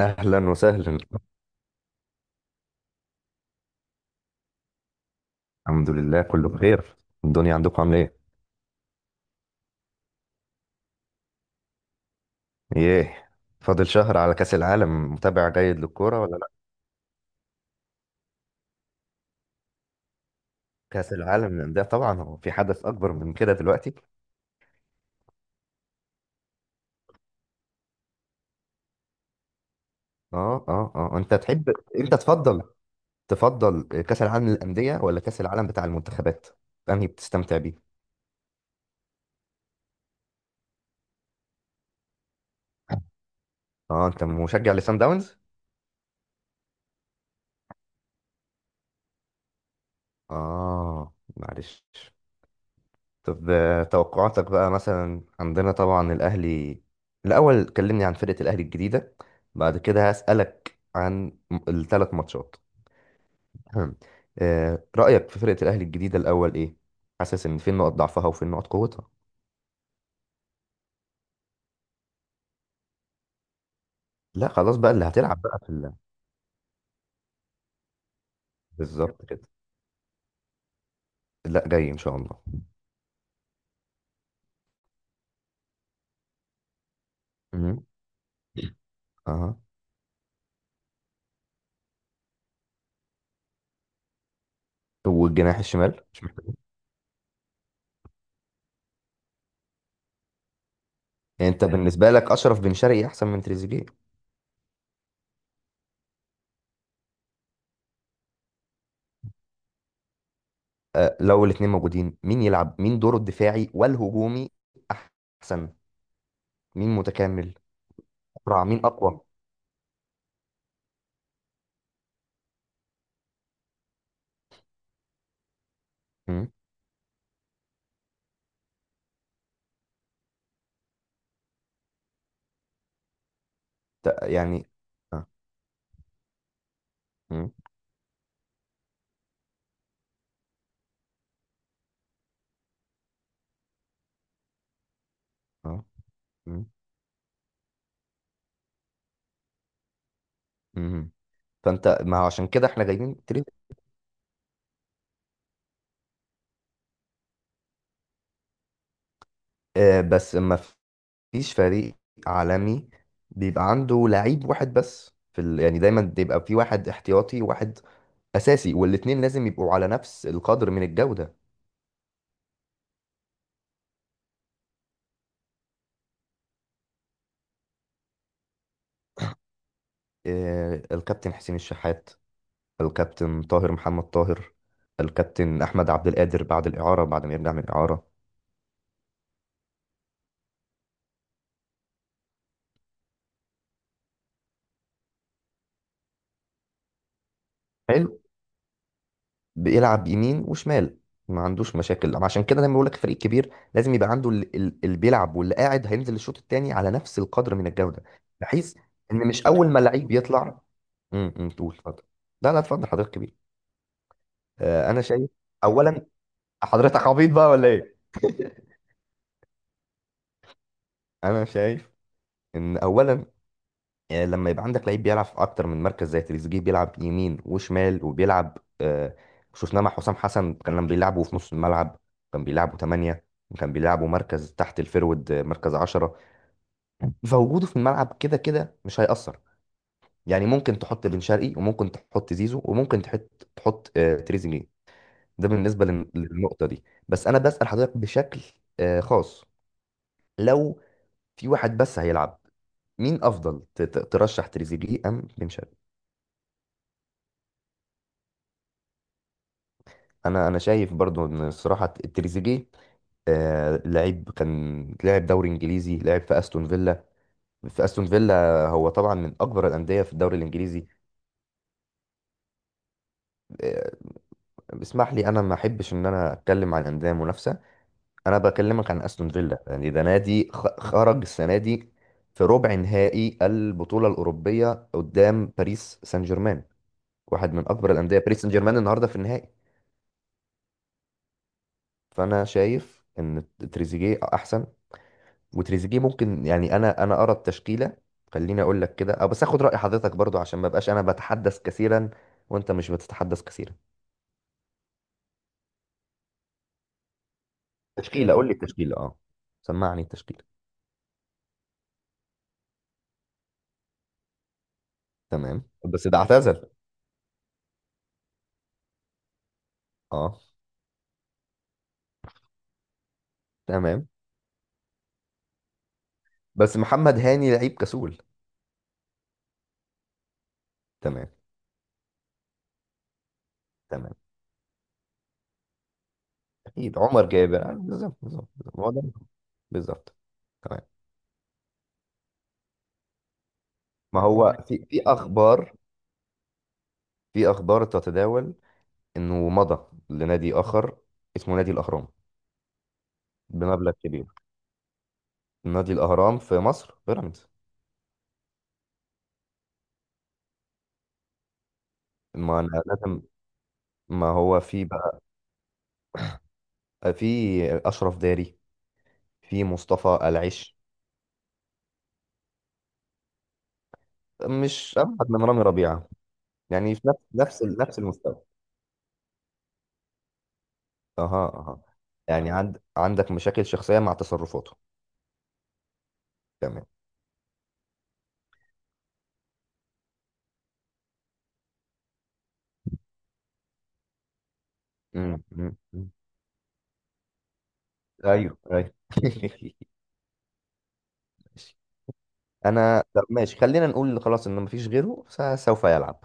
اهلا وسهلا. الحمد لله كله بخير. الدنيا عندكم عامله ايه؟ ايه، فاضل شهر على كاس العالم، متابع جيد للكوره ولا لا؟ كاس العالم للانديه طبعا، هو في حدث اكبر من كده دلوقتي؟ اه، انت تحب انت تفضل تفضل كاس العالم للانديه ولا كاس العالم بتاع المنتخبات؟ انهي بتستمتع بيه؟ اه، انت مشجع لسان داونز؟ اه معلش. طب توقعاتك بقى؟ مثلا عندنا طبعا الأهلي، الأول كلمني عن فرقة الأهلي الجديدة، بعد كده هسألك عن الثلاث ماتشات. رأيك في فرقة الأهلي الجديدة الأول إيه؟ حاسس إن فين نقط ضعفها وفين نقط قوتها؟ لا خلاص بقى، اللي هتلعب بقى بالظبط كده. لا جاي إن شاء الله. مم. أها. والجناح الشمال مش محتاج؟ يعني أنت بالنسبة لك أشرف بن شرقي أحسن من تريزيجيه؟ أه، لو الاتنين موجودين مين يلعب؟ مين دوره الدفاعي والهجومي أحسن؟ مين متكامل؟ أسرع؟ مين أقوى؟ مم. يعني آه. مم. آه. مم. مم. فأنت، ما هو عشان كده إحنا جايبين تريد. آه بس ما فيش فريق عالمي بيبقى عنده لعيب واحد بس في ال... يعني دايما بيبقى في واحد احتياطي واحد أساسي، والاتنين لازم يبقوا على نفس القدر من الجودة. آه الكابتن حسين الشحات، الكابتن طاهر محمد طاهر، الكابتن أحمد عبد القادر بعد الإعارة، بعد ما يرجع من الإعارة. حلو. بيلعب يمين وشمال، ما عندوش مشاكل. عشان كده دايما بقول لك فريق كبير لازم يبقى عنده اللي بيلعب واللي قاعد هينزل الشوط الثاني على نفس القدر من الجوده، بحيث ان مش اول ما لعيب يطلع. تقول اتفضل؟ لا لا اتفضل حضرتك كبير. آه انا شايف اولا، حضرتك عبيط بقى ولا ايه؟ انا شايف ان اولا لما يبقى عندك لعيب بيلعب في اكتر من مركز، زي تريزيجيه، بيلعب يمين وشمال وبيلعب شفناه مع حسام حسن، كان لما بيلعبه في نص الملعب كان بيلعبه 8، كان بيلعبه مركز تحت الفيرود، مركز 10. فوجوده في الملعب كده كده مش هيأثر، يعني ممكن تحط بن شرقي وممكن تحط زيزو وممكن تحط تريزيجيه. ده بالنسبة للنقطة دي. بس أنا بسأل حضرتك بشكل خاص، لو في واحد بس هيلعب، مين أفضل؟ ترشح تريزيجيه أم بن شرقي؟ انا شايف برضو ان الصراحه تريزيجيه. آه، لعيب كان لاعب دوري انجليزي، لعب في استون فيلا، في استون فيلا، هو طبعا من اكبر الانديه في الدوري الانجليزي. آه اسمح لي، انا ما احبش ان انا اتكلم عن انديه منافسه، انا بكلمك عن استون فيلا. يعني ده نادي خرج السنه دي في ربع نهائي البطوله الاوروبيه قدام باريس سان جيرمان، واحد من اكبر الانديه، باريس سان جيرمان النهارده في النهائي. فانا شايف ان تريزيجيه احسن، وتريزيجيه ممكن، يعني انا ارى التشكيله. خليني اقول لك كده، أه بس اخد راي حضرتك برضو عشان ما بقاش انا بتحدث كثيرا وانت مش بتتحدث كثيرا. تشكيله، قول تمام، لي التشكيله، اه سمعني التشكيله. تمام بس ده اعتزل. اه. تمام بس محمد هاني لعيب كسول. تمام. تمام اكيد، عمر جابر، بالظبط بالظبط بالظبط هو ده، بالظبط. تمام. ما هو تمام، في في اخبار في اخبار تتداول انه مضى لنادي اخر اسمه نادي الاهرام، بمبلغ كبير. نادي الأهرام في مصر، بيراميدز. ما أنا لازم، ما هو في بقى، في أشرف داري، في مصطفى العش، مش أبعد من رامي ربيعة؟ يعني في نفس المستوى. أها أها. يعني عند، عندك مشاكل شخصية مع تصرفاته. تمام. مم، مم، مم. أيوه أيوه ماشي. أنا، طب ماشي، خلينا نقول خلاص إن مفيش غيره سوف يلعب.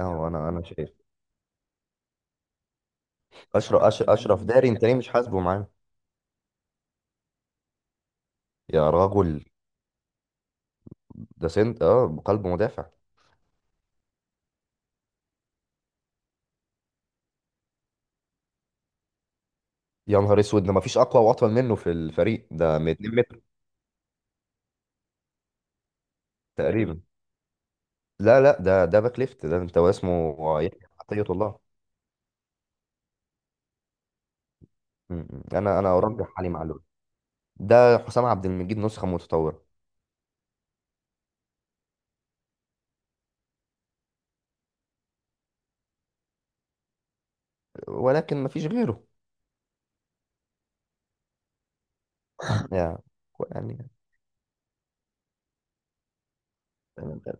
أهو أنا شايف، أشرف داري، أنت ليه مش حاسبه معانا؟ يا رجل، ده سنت، اه، قلب مدافع. يا نهار اسود، ده مفيش اقوى واطول منه في الفريق ده، من 2 متر تقريبا. لا، ده باك ليفت، ده انت واسمه يحيى عطية الله. م- م. انا ارجح علي معلول. ده حسام عبد المجيد نسخة متطورة. ولكن مفيش غيره. يا-، يعني. تمام، تمام.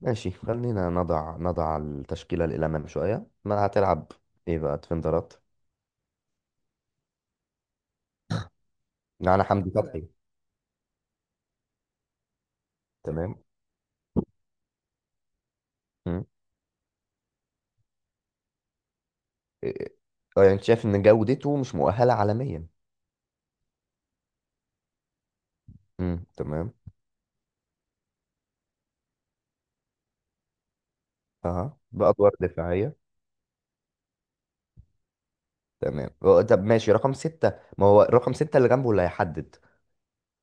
ماشي، خلينا نضع التشكيلة الأمام شوية، ما هتلعب ايه بقى ديفندرات؟ معانا حمدي فتحي. تمام. م. إيه-، اه يعني انت شايف ان جودته مش مؤهلة عالميا؟ م. تمام. اه، بأدوار دفاعية. تمام. هو-، طب ماشي رقم ستة، ما هو رقم ستة اللي جنبه اللي هيحدد،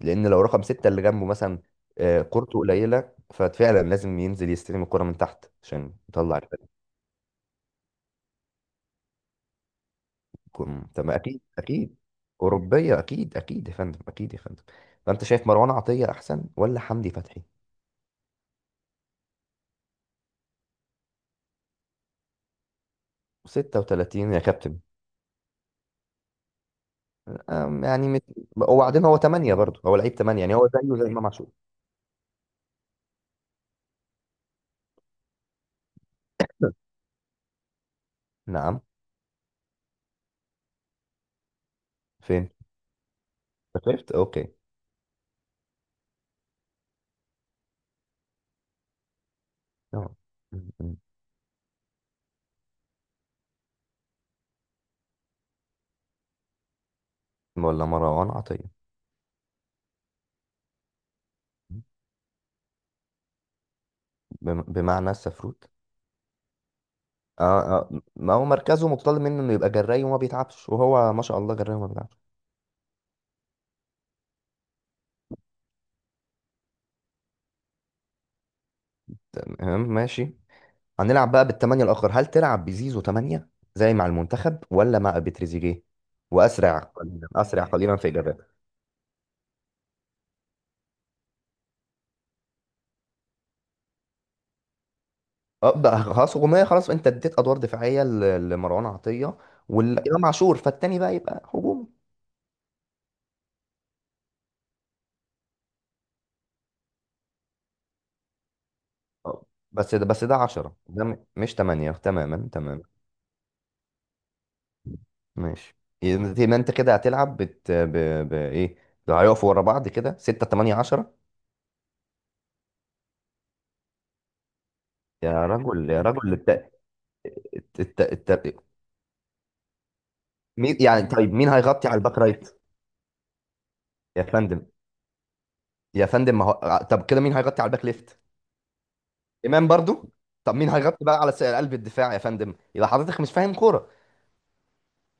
لأن لو رقم ستة اللي جنبه مثلا كورته قليلة، ففعلا لازم ينزل يستلم الكرة من تحت عشان يطلع الفريق. يكون-، تمام أكيد أكيد أوروبية أكيد أكيد يا فندم أكيد يا فندم. فأنت شايف مروان عطية أحسن ولا حمدي فتحي؟ 36 يا كابتن. يعني وبعدين هو 8 برضه، هو لعيب 8، يعني هو زيه زي إمام عاشور. نعم. فين؟ شفت، أوكي. نعم. م- م. ولا مروان عطية؟ بمعنى السفروت؟ اه، ما هو مركزه متطلب منه انه يبقى جراي وما بيتعبش، وهو ما شاء الله جراي وما بيتعبش. تمام ماشي. هنلعب بقى بالتمانية الاخر، هل تلعب بزيزو تمانية زي مع المنتخب ولا مع بتريزيجيه؟ واسرع قليلا، اسرع قليلا في اجابات. اه بقى خلاص هجوميه، خلاص، انت اديت ادوار دفاعيه لمروان عطيه والامام عاشور، فالتاني بقى يبقى هجومي. اه، بس ده 10، ده مش 8. تماما تماما ماشي. يبقى ما انت كده هتلعب ايه، لو هيقفوا ورا بعض كده 6 8 10؟ يا رجل يا رجل الت... الت... الت... الت... مين يعني؟ طيب مين هيغطي على الباك رايت؟ يا فندم، يا فندم، ما هو طب كده مين هيغطي على الباك ليفت؟ امام برضو؟ طب مين هيغطي بقى على قلب الدفاع؟ يا فندم، يبقى حضرتك مش فاهم كوره.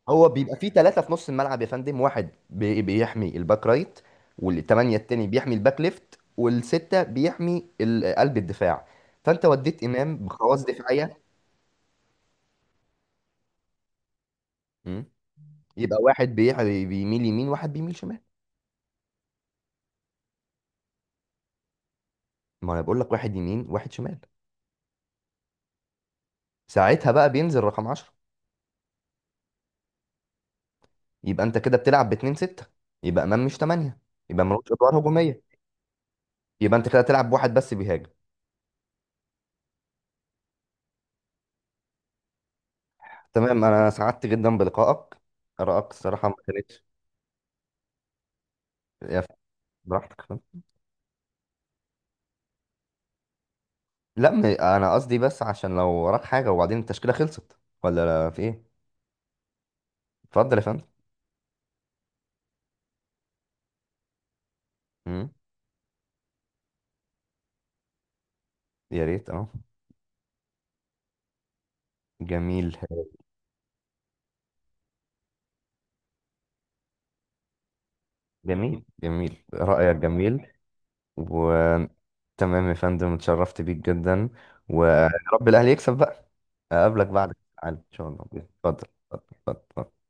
هو بيبقى فيه ثلاثة في نص الملعب يا فندم، واحد بيحمي الباك رايت، والثمانية التاني بيحمي الباك ليفت، والستة بيحمي ال-، قلب الدفاع. فأنت وديت إمام بخواص دفاعية. مم. يبقى واحد بيميل يمين واحد بيميل شمال. ما أنا بقول لك واحد يمين واحد شمال، ساعتها بقى بينزل رقم 10. يبقى أنت كده بتلعب باتنين ستة، يبقى إمام مش تمانية، يبقى ملوش أدوار هجومية، يبقى أنت كده تلعب بواحد بس بيهاجم. تمام، أنا سعدت جدا بلقائك، آرائك الصراحة ما كانتش. يا ف- براحتك. لا انا قصدي بس عشان لو وراك حاجه، وبعدين التشكيله خلصت ولا لا، في ايه؟ اتفضل يا فندم. مم. يا ريت، اه. جميل. جميل رايك جميل. وتمام يا فندم اتشرفت بيك جدا، ويا رب الاهلي يكسب بقى. اقابلك بعد العالم ان شاء الله، اتفضل، اتفضل، اتفضل.